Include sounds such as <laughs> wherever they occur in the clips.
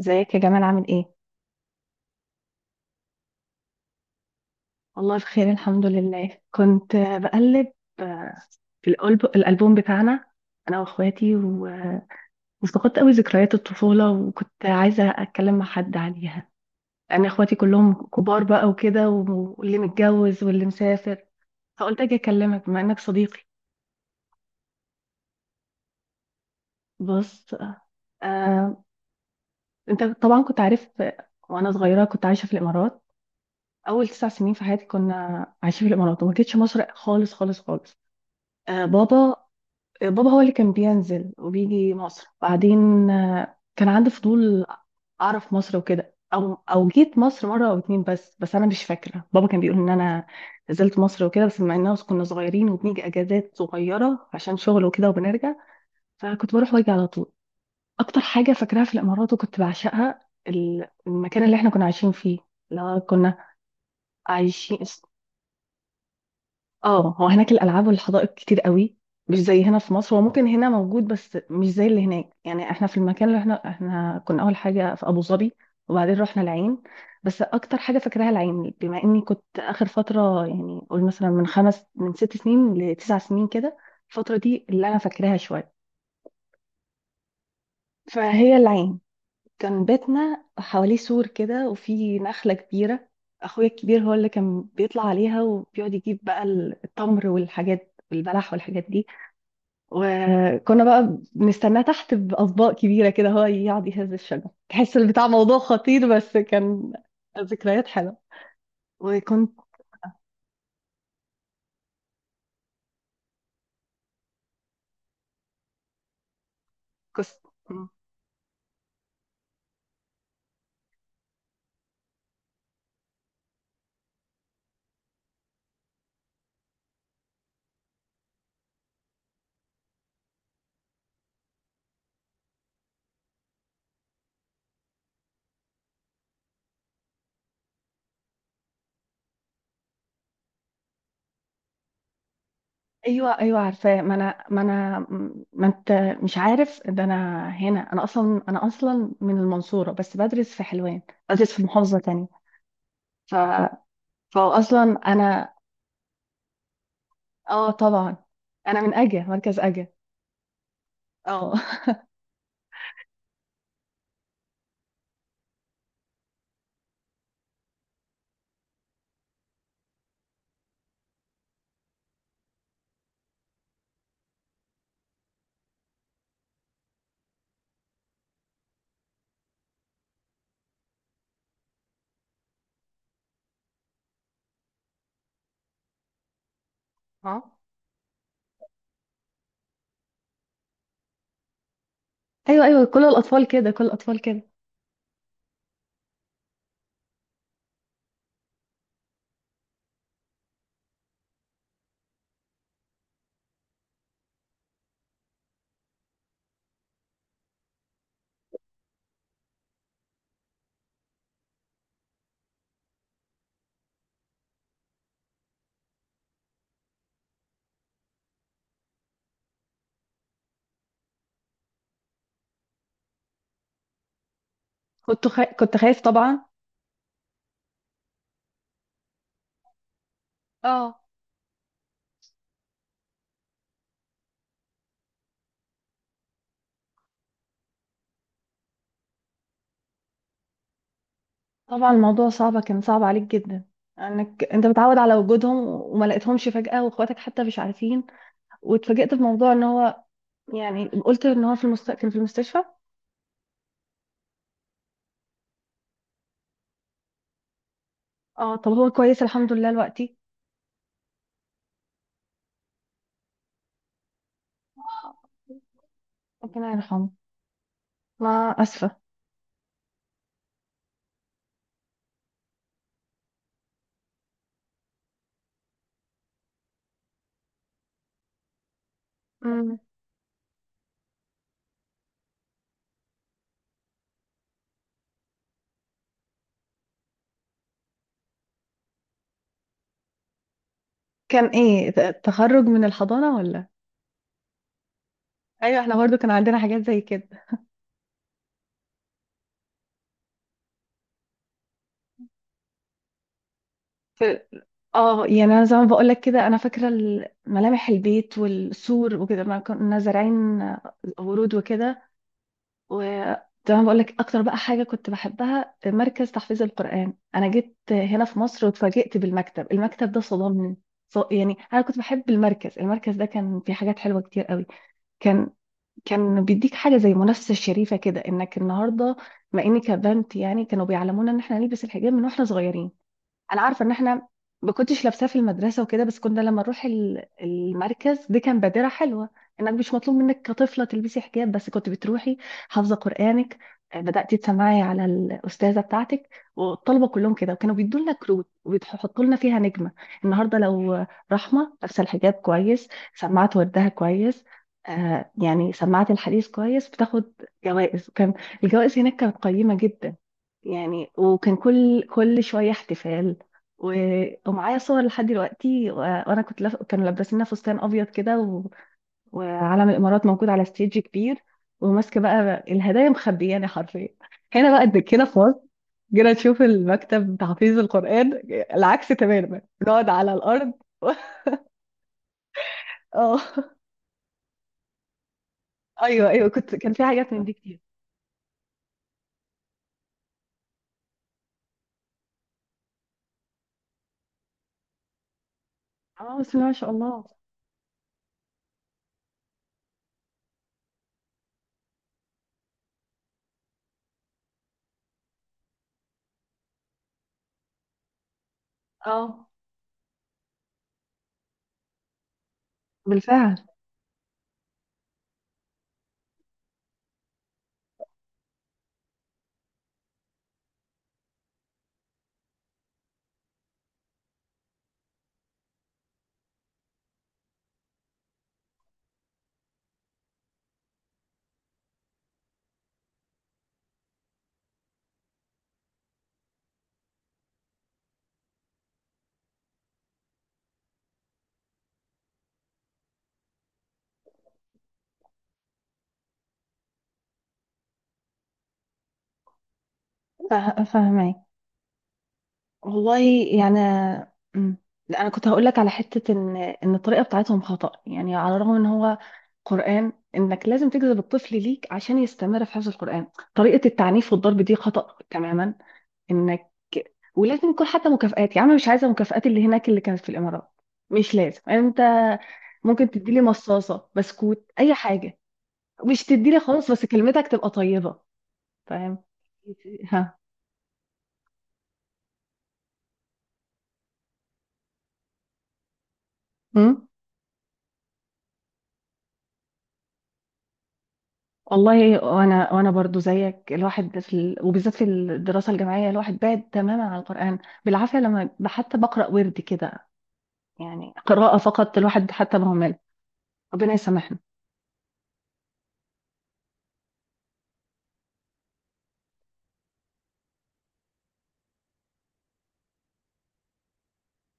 ازيك يا جمال؟ عامل ايه؟ والله بخير، الحمد لله. كنت بقلب، آه، في الألبوم بتاعنا أنا وأخواتي وافتقدت قوي ذكريات الطفولة، وكنت عايزة أتكلم مع حد عليها. أنا أخواتي كلهم كبار بقى وكده واللي متجوز واللي مسافر، فقلت أجي أكلمك بما إنك صديقي. بص، آه، أنت طبعا كنت عارف، وأنا صغيرة كنت عايشة في الإمارات. أول 9 سنين في حياتي كنا عايشين في الإمارات وما جيتش مصر خالص خالص خالص. آه، بابا بابا هو اللي كان بينزل وبيجي مصر. بعدين كان عندي فضول اعرف مصر وكده. او جيت مصر مره او اتنين، بس انا مش فاكره. بابا كان بيقول ان انا نزلت مصر وكده، بس مع اننا كنا صغيرين وبنيجي اجازات صغيره عشان شغل وكده وبنرجع، فكنت بروح واجي على طول. اكتر حاجه فاكراها في الامارات وكنت بعشقها المكان اللي احنا كنا عايشين فيه. لا، كنا عايشين. اه، هو هناك الالعاب والحدائق كتير قوي، مش زي هنا في مصر. هو ممكن هنا موجود بس مش زي اللي هناك، يعني احنا في المكان اللي احنا كنا اول حاجه في ابو ظبي، وبعدين رحنا العين. بس اكتر حاجه فاكراها العين بما اني كنت اخر فتره، يعني قول مثلا من 5، من 6 سنين ل9 سنين كده. الفتره دي اللي انا فاكراها شويه، فهي العين. كان بيتنا حواليه سور كده وفي نخله كبيره، اخويا الكبير هو اللي كان بيطلع عليها وبيقعد يجيب بقى التمر والحاجات والبلح والحاجات دي، وكنا بقى بنستناه تحت بأطباق كبيرة كده. هو يقعد يهز الشجر، تحس البتاع موضوع خطير، بس كان ذكريات حلوة. وكنت كس... ايوه ايوه، عارفاه. ما انا ما انت مش عارف ده. انا هنا، انا اصلا، انا اصلا من المنصورة بس بدرس في حلوان، بدرس في محافظة تانية. ف... فاصلا انا. اه طبعا، انا من اجا، مركز اجا. اه. <laughs> ها، ايوه ايوه، كل الاطفال كده، كل الاطفال كده. كنت خايف طبعا. اه طبعا، الموضوع صعب، كان صعب عليك جدا انك انت متعود على وجودهم وما لقيتهمش فجأة، واخواتك حتى مش عارفين، واتفاجئت بموضوع ان هو، يعني قلت ان هو كان في المستشفى. اه، طب هو كويس الحمد لله دلوقتي. ربنا يرحمه. ما اسفه. مم. كان ايه تخرج من الحضانه ولا؟ ايوه، احنا برضو كان عندنا حاجات زي كده. في- اه يعني انا زي ما بقول لك كده، انا فاكره ملامح البيت والسور وكده، ما كنا زارعين ورود وكده. و زي ما بقول لك، اكتر بقى حاجه كنت بحبها مركز تحفيظ القران. انا جيت هنا في مصر واتفاجئت بالمكتب، المكتب ده صدمني. يعني انا كنت بحب المركز ده كان فيه حاجات حلوه كتير قوي. كان كان بيديك حاجه زي منافسه شريفه كده انك النهارده، مع اني كبنت يعني كانوا بيعلمونا ان احنا نلبس الحجاب من واحنا صغيرين. انا عارفه ان احنا ما كنتش لابساه في المدرسه وكده، بس كنا لما نروح المركز دي، كان بادره حلوه انك مش مطلوب منك كطفله تلبسي حجاب، بس كنت بتروحي حافظه قرانك، بداتي تسمعي على الاستاذه بتاعتك. والطلبه كلهم كده، وكانوا بيدوا لنا كروت وبيحطوا لنا فيها نجمه. النهارده لو رحمه لابسه الحجاب كويس، سمعت وردها كويس، آه يعني سمعت الحديث كويس، بتاخد جوائز. وكان الجوائز هناك كانت قيمه جدا يعني. وكان كل شويه احتفال. و... ومعايا صور لحد دلوقتي. وانا كنت كانوا لابسيننا فستان ابيض كده. وعلم الامارات موجود على ستيج كبير، وماسكه بقى الهدايا، مخبياني حرفيا. هنا بقى قد كده في مصر جينا نشوف المكتب تحفيظ القران العكس تماما، بنقعد على الارض. <laughs> اه، ايوه ايوه، كنت كان في حاجات من دي كتير. اه، بسم الله ما شاء الله. اه بالفعل. فاهمك. والله يعني. مم. لا انا كنت هقول لك على حته ان ان الطريقه بتاعتهم خطا، يعني على الرغم ان هو قران، انك لازم تجذب الطفل ليك عشان يستمر في حفظ القران. طريقه التعنيف والضرب دي خطا تماما، انك ولازم يكون حتى مكافآت. يا عم مش عايزه مكافآت اللي هناك اللي كانت في الامارات، مش لازم انت. ممكن تديلي مصاصه بسكوت، اي حاجه، مش تديلي خالص، بس كلمتك تبقى طيبه. فاهم؟ ها. مم؟ والله وانا برضو زيك، الواحد في وبالذات في الدراسه الجامعيه الواحد بعد تماما عن القران، بالعافيه لما حتى بقرا ورد كده، يعني قراءه فقط، الواحد حتى مهمل. ربنا يسامحنا.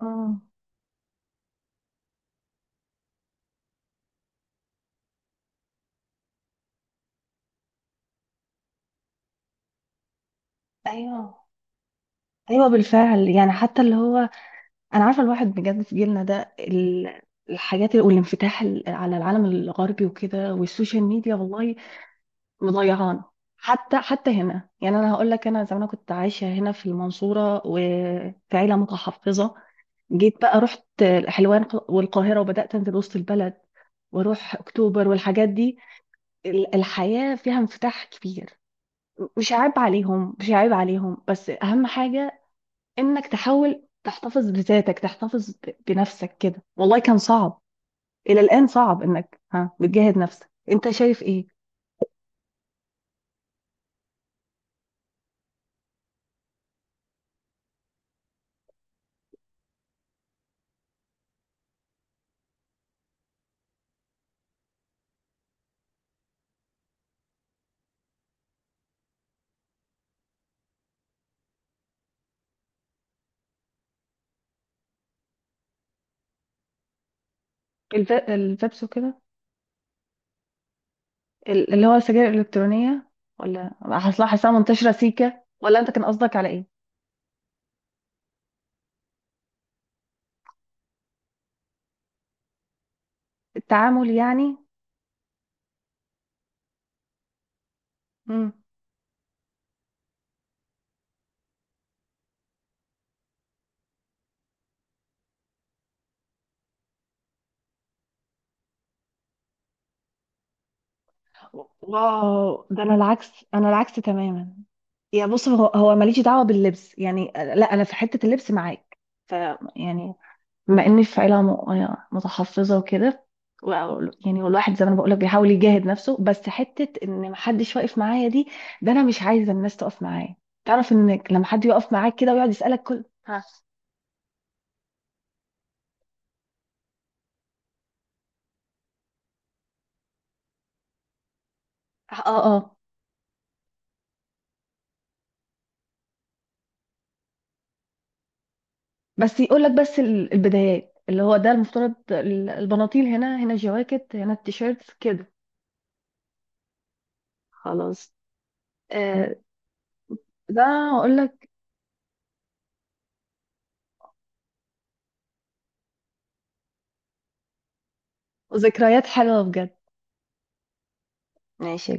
اه ايوه ايوه بالفعل يعني. حتى اللي هو، انا عارفه الواحد بجد، في جيلنا ده الحاجات والانفتاح على العالم الغربي وكده والسوشيال ميديا، والله مضيعانا. حتى حتى هنا، يعني انا هقول لك انا زمان كنت عايشه هنا في المنصوره وفي عيله متحفظه. جيت بقى رحت الحلوان والقاهرة، وبدأت أنزل وسط البلد واروح اكتوبر والحاجات دي. الحياة فيها انفتاح كبير. مش عيب عليهم، مش عيب عليهم، بس اهم حاجة انك تحاول تحتفظ بذاتك، تحتفظ بنفسك كده. والله كان صعب. الى الان صعب، انك ها بتجاهد نفسك. انت شايف ايه؟ الفيبس وكده، اللي هو السجاير الالكترونية، ولا حصلها حاساها منتشرة سيكة، ولا انت كان قصدك على ايه؟ التعامل يعني. واو، ده انا العكس، انا العكس تماما. يا بص، هو ماليش دعوه باللبس يعني. لا انا في حته اللبس معاك. ف يعني بما اني في عيله يعني متحفظه وكده و- يعني، والواحد زي ما انا بقول لك بيحاول يجاهد نفسه، بس حته ان محدش واقف معايا دي، ده انا مش عايزه الناس تقف معايا. تعرف انك لما حد يقف معاك كده ويقعد يسالك كل ها؟ اه اه، بس يقول لك بس البدايات اللي هو ده المفترض البناطيل هنا، هنا الجواكت، هنا التيشيرت كده، خلاص. آه، ده هقول لك. ذكريات حلوة بجد. ماشي يا